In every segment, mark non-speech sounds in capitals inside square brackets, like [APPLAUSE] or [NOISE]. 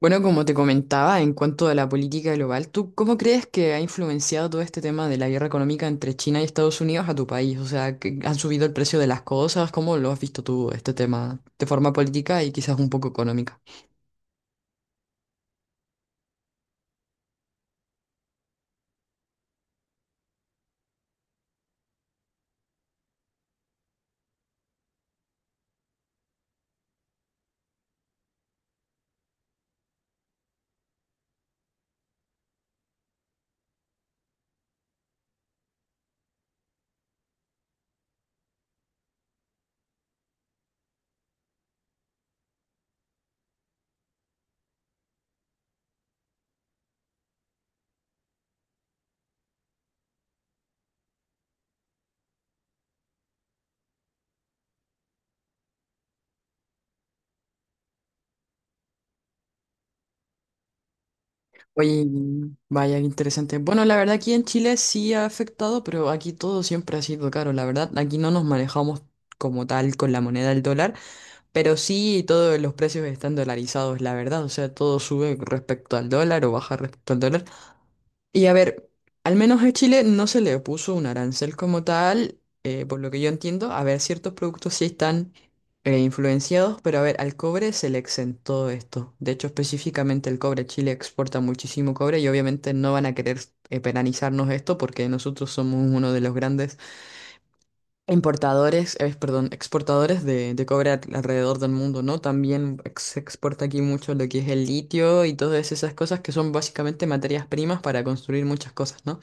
Bueno, como te comentaba, en cuanto a la política global, ¿tú cómo crees que ha influenciado todo este tema de la guerra económica entre China y Estados Unidos a tu país? O sea, ¿que han subido el precio de las cosas? ¿Cómo lo has visto tú este tema de forma política y quizás un poco económica? Oye, vaya, qué interesante. Bueno, la verdad aquí en Chile sí ha afectado, pero aquí todo siempre ha sido caro. La verdad, aquí no nos manejamos como tal con la moneda del dólar, pero sí todos los precios están dolarizados, la verdad. O sea, todo sube respecto al dólar o baja respecto al dólar. Y a ver, al menos a Chile no se le puso un arancel como tal, por lo que yo entiendo. A ver, ciertos productos sí están influenciados, pero a ver, al cobre se le exentó esto. De hecho, específicamente el cobre, Chile exporta muchísimo cobre y obviamente no van a querer penalizarnos esto porque nosotros somos uno de los grandes importadores, perdón, exportadores de cobre alrededor del mundo, ¿no? También se exporta aquí mucho lo que es el litio y todas esas cosas que son básicamente materias primas para construir muchas cosas, ¿no?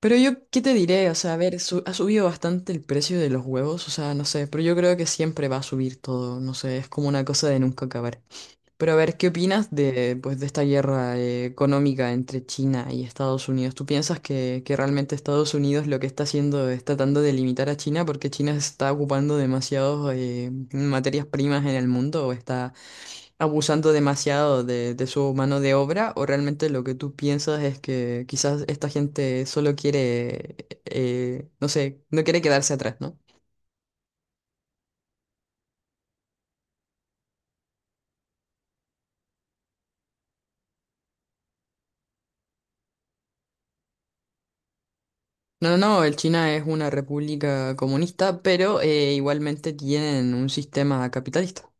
Pero yo, ¿qué te diré? O sea, a ver, ha subido bastante el precio de los huevos, o sea, no sé, pero yo creo que siempre va a subir todo, no sé, es como una cosa de nunca acabar. Pero a ver, ¿qué opinas de, pues, de esta guerra económica entre China y Estados Unidos? ¿Tú piensas que realmente Estados Unidos lo que está haciendo es tratando de limitar a China porque China se está ocupando demasiados materias primas en el mundo o está abusando demasiado de su mano de obra, o realmente lo que tú piensas es que quizás esta gente solo quiere, no sé, no quiere quedarse atrás, ¿no? No, no, no, el China es una república comunista, pero igualmente tienen un sistema capitalista.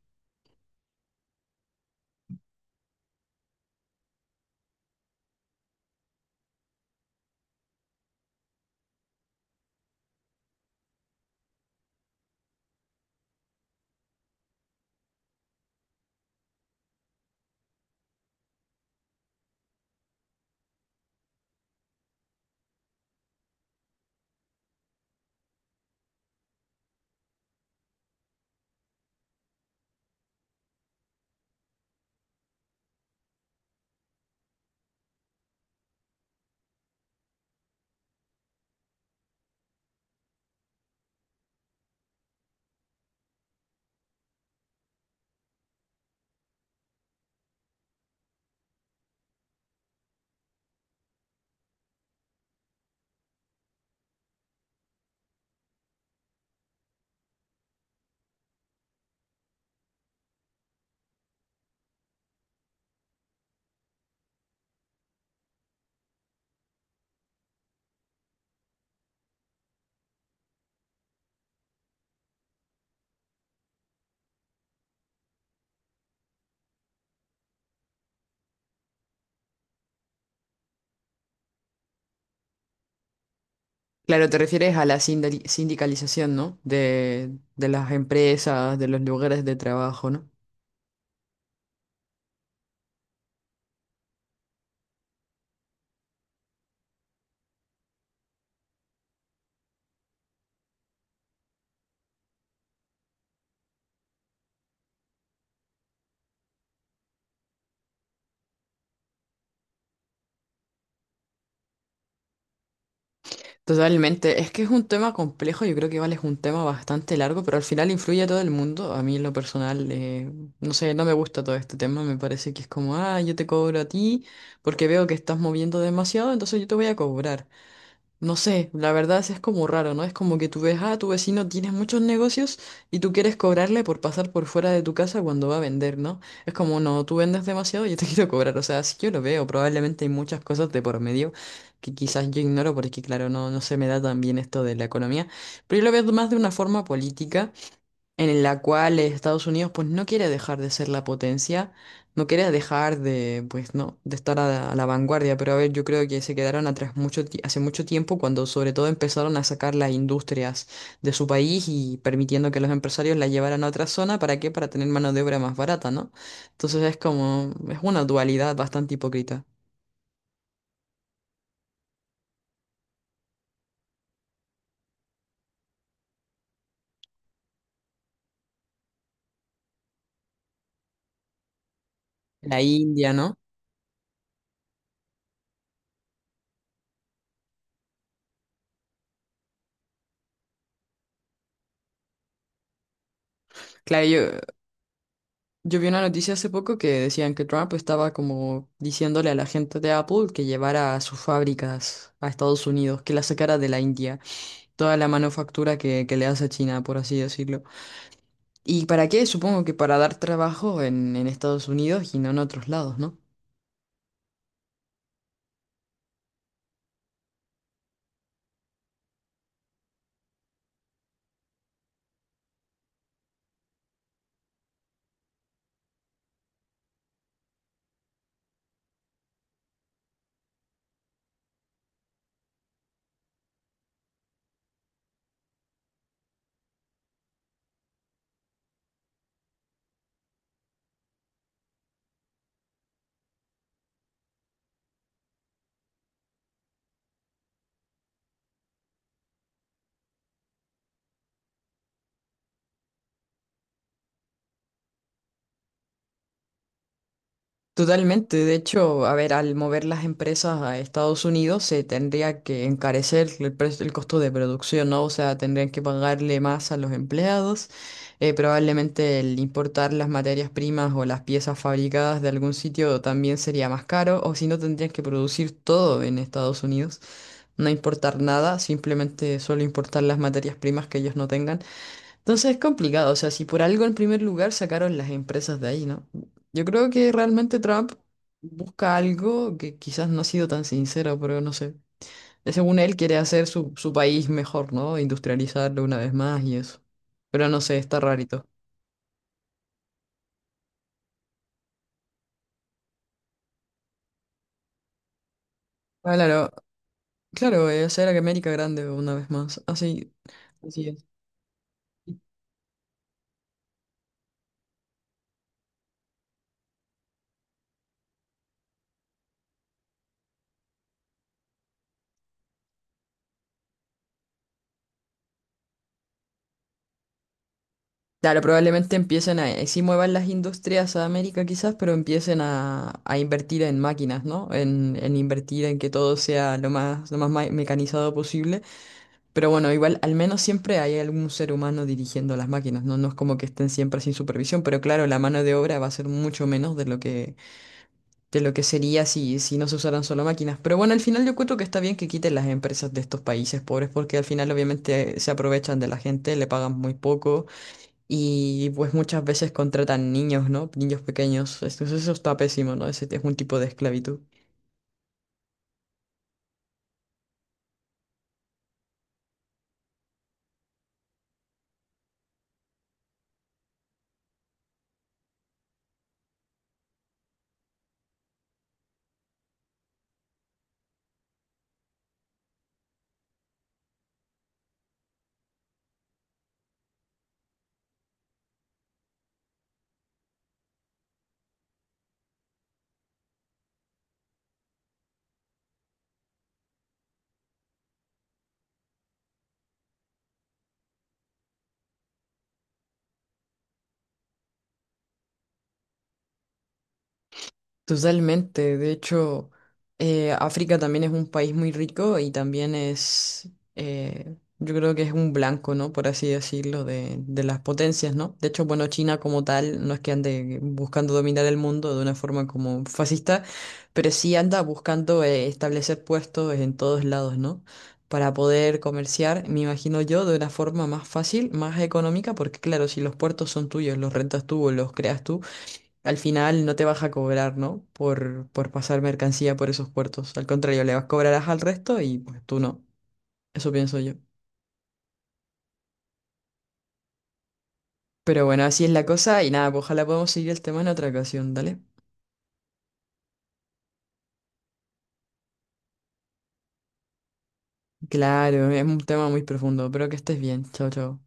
Claro, te refieres a la sindicalización, ¿no? De las empresas, de los lugares de trabajo, ¿no? Totalmente, es que es un tema complejo, yo creo que igual es un tema bastante largo, pero al final influye a todo el mundo. A mí en lo personal, no sé, no me gusta todo este tema, me parece que es como, ah, yo te cobro a ti porque veo que estás moviendo demasiado, entonces yo te voy a cobrar. No sé, la verdad es como raro, ¿no? Es como que tú ves, ah, tu vecino tiene muchos negocios y tú quieres cobrarle por pasar por fuera de tu casa cuando va a vender, ¿no? Es como, no, tú vendes demasiado, yo te [LAUGHS] quiero cobrar. O sea, sí yo lo veo, probablemente hay muchas cosas de por medio que quizás yo ignoro porque, claro, no, no se me da tan bien esto de la economía, pero yo lo veo más de una forma política en la cual Estados Unidos pues no quiere dejar de ser la potencia, no quiere dejar de, pues no, de estar a la vanguardia, pero a ver, yo creo que se quedaron atrás mucho hace mucho tiempo cuando sobre todo empezaron a sacar las industrias de su país y permitiendo que los empresarios la llevaran a otra zona. ¿Para qué? Para tener mano de obra más barata, ¿no? Entonces es como es una dualidad bastante hipócrita. La India, ¿no? Claro, yo vi una noticia hace poco que decían que Trump estaba como diciéndole a la gente de Apple que llevara sus fábricas a Estados Unidos, que la sacara de la India, toda la manufactura que le hace a China, por así decirlo. ¿Y para qué? Supongo que para dar trabajo en Estados Unidos y no en otros lados, ¿no? Totalmente, de hecho, a ver, al mover las empresas a Estados Unidos se tendría que encarecer el precio, el costo de producción, ¿no? O sea, tendrían que pagarle más a los empleados, probablemente el importar las materias primas o las piezas fabricadas de algún sitio también sería más caro, o si no tendrían que producir todo en Estados Unidos, no importar nada, simplemente solo importar las materias primas que ellos no tengan. Entonces es complicado, o sea, si por algo en primer lugar sacaron las empresas de ahí, ¿no? Yo creo que realmente Trump busca algo que quizás no ha sido tan sincero, pero no sé. Según él quiere hacer su, su país mejor, ¿no? Industrializarlo una vez más y eso. Pero no sé, está rarito. Ah, claro, claro, es hacer a que América grande una vez más. Así, así es. Claro, probablemente empiecen a, sí muevan las industrias a América quizás, pero empiecen a invertir en máquinas, ¿no? En invertir en que todo sea lo más mecanizado posible. Pero bueno, igual al menos siempre hay algún ser humano dirigiendo las máquinas, ¿no? No es como que estén siempre sin supervisión, pero claro, la mano de obra va a ser mucho menos de lo que sería si, si no se usaran solo máquinas. Pero bueno, al final yo cuento que está bien que quiten las empresas de estos países pobres, porque al final obviamente se aprovechan de la gente, le pagan muy poco. Y pues muchas veces contratan niños, ¿no? Niños pequeños. Entonces eso está pésimo, ¿no? Ese es un tipo de esclavitud. Totalmente, de hecho, África también es un país muy rico y también es, yo creo que es un blanco, ¿no? Por así decirlo, de las potencias, ¿no? De hecho, bueno, China como tal no es que ande buscando dominar el mundo de una forma como fascista, pero sí anda buscando establecer puestos en todos lados, ¿no? Para poder comerciar, me imagino yo, de una forma más fácil, más económica, porque claro, si los puertos son tuyos, los rentas tú o los creas tú, al final no te vas a cobrar, ¿no? Por pasar mercancía por esos puertos. Al contrario, le vas cobrarás al resto y pues tú no. Eso pienso yo. Pero bueno, así es la cosa y nada, pues ojalá podamos seguir el tema en otra ocasión, ¿dale? Claro, es un tema muy profundo, pero que estés bien. Chao, chao.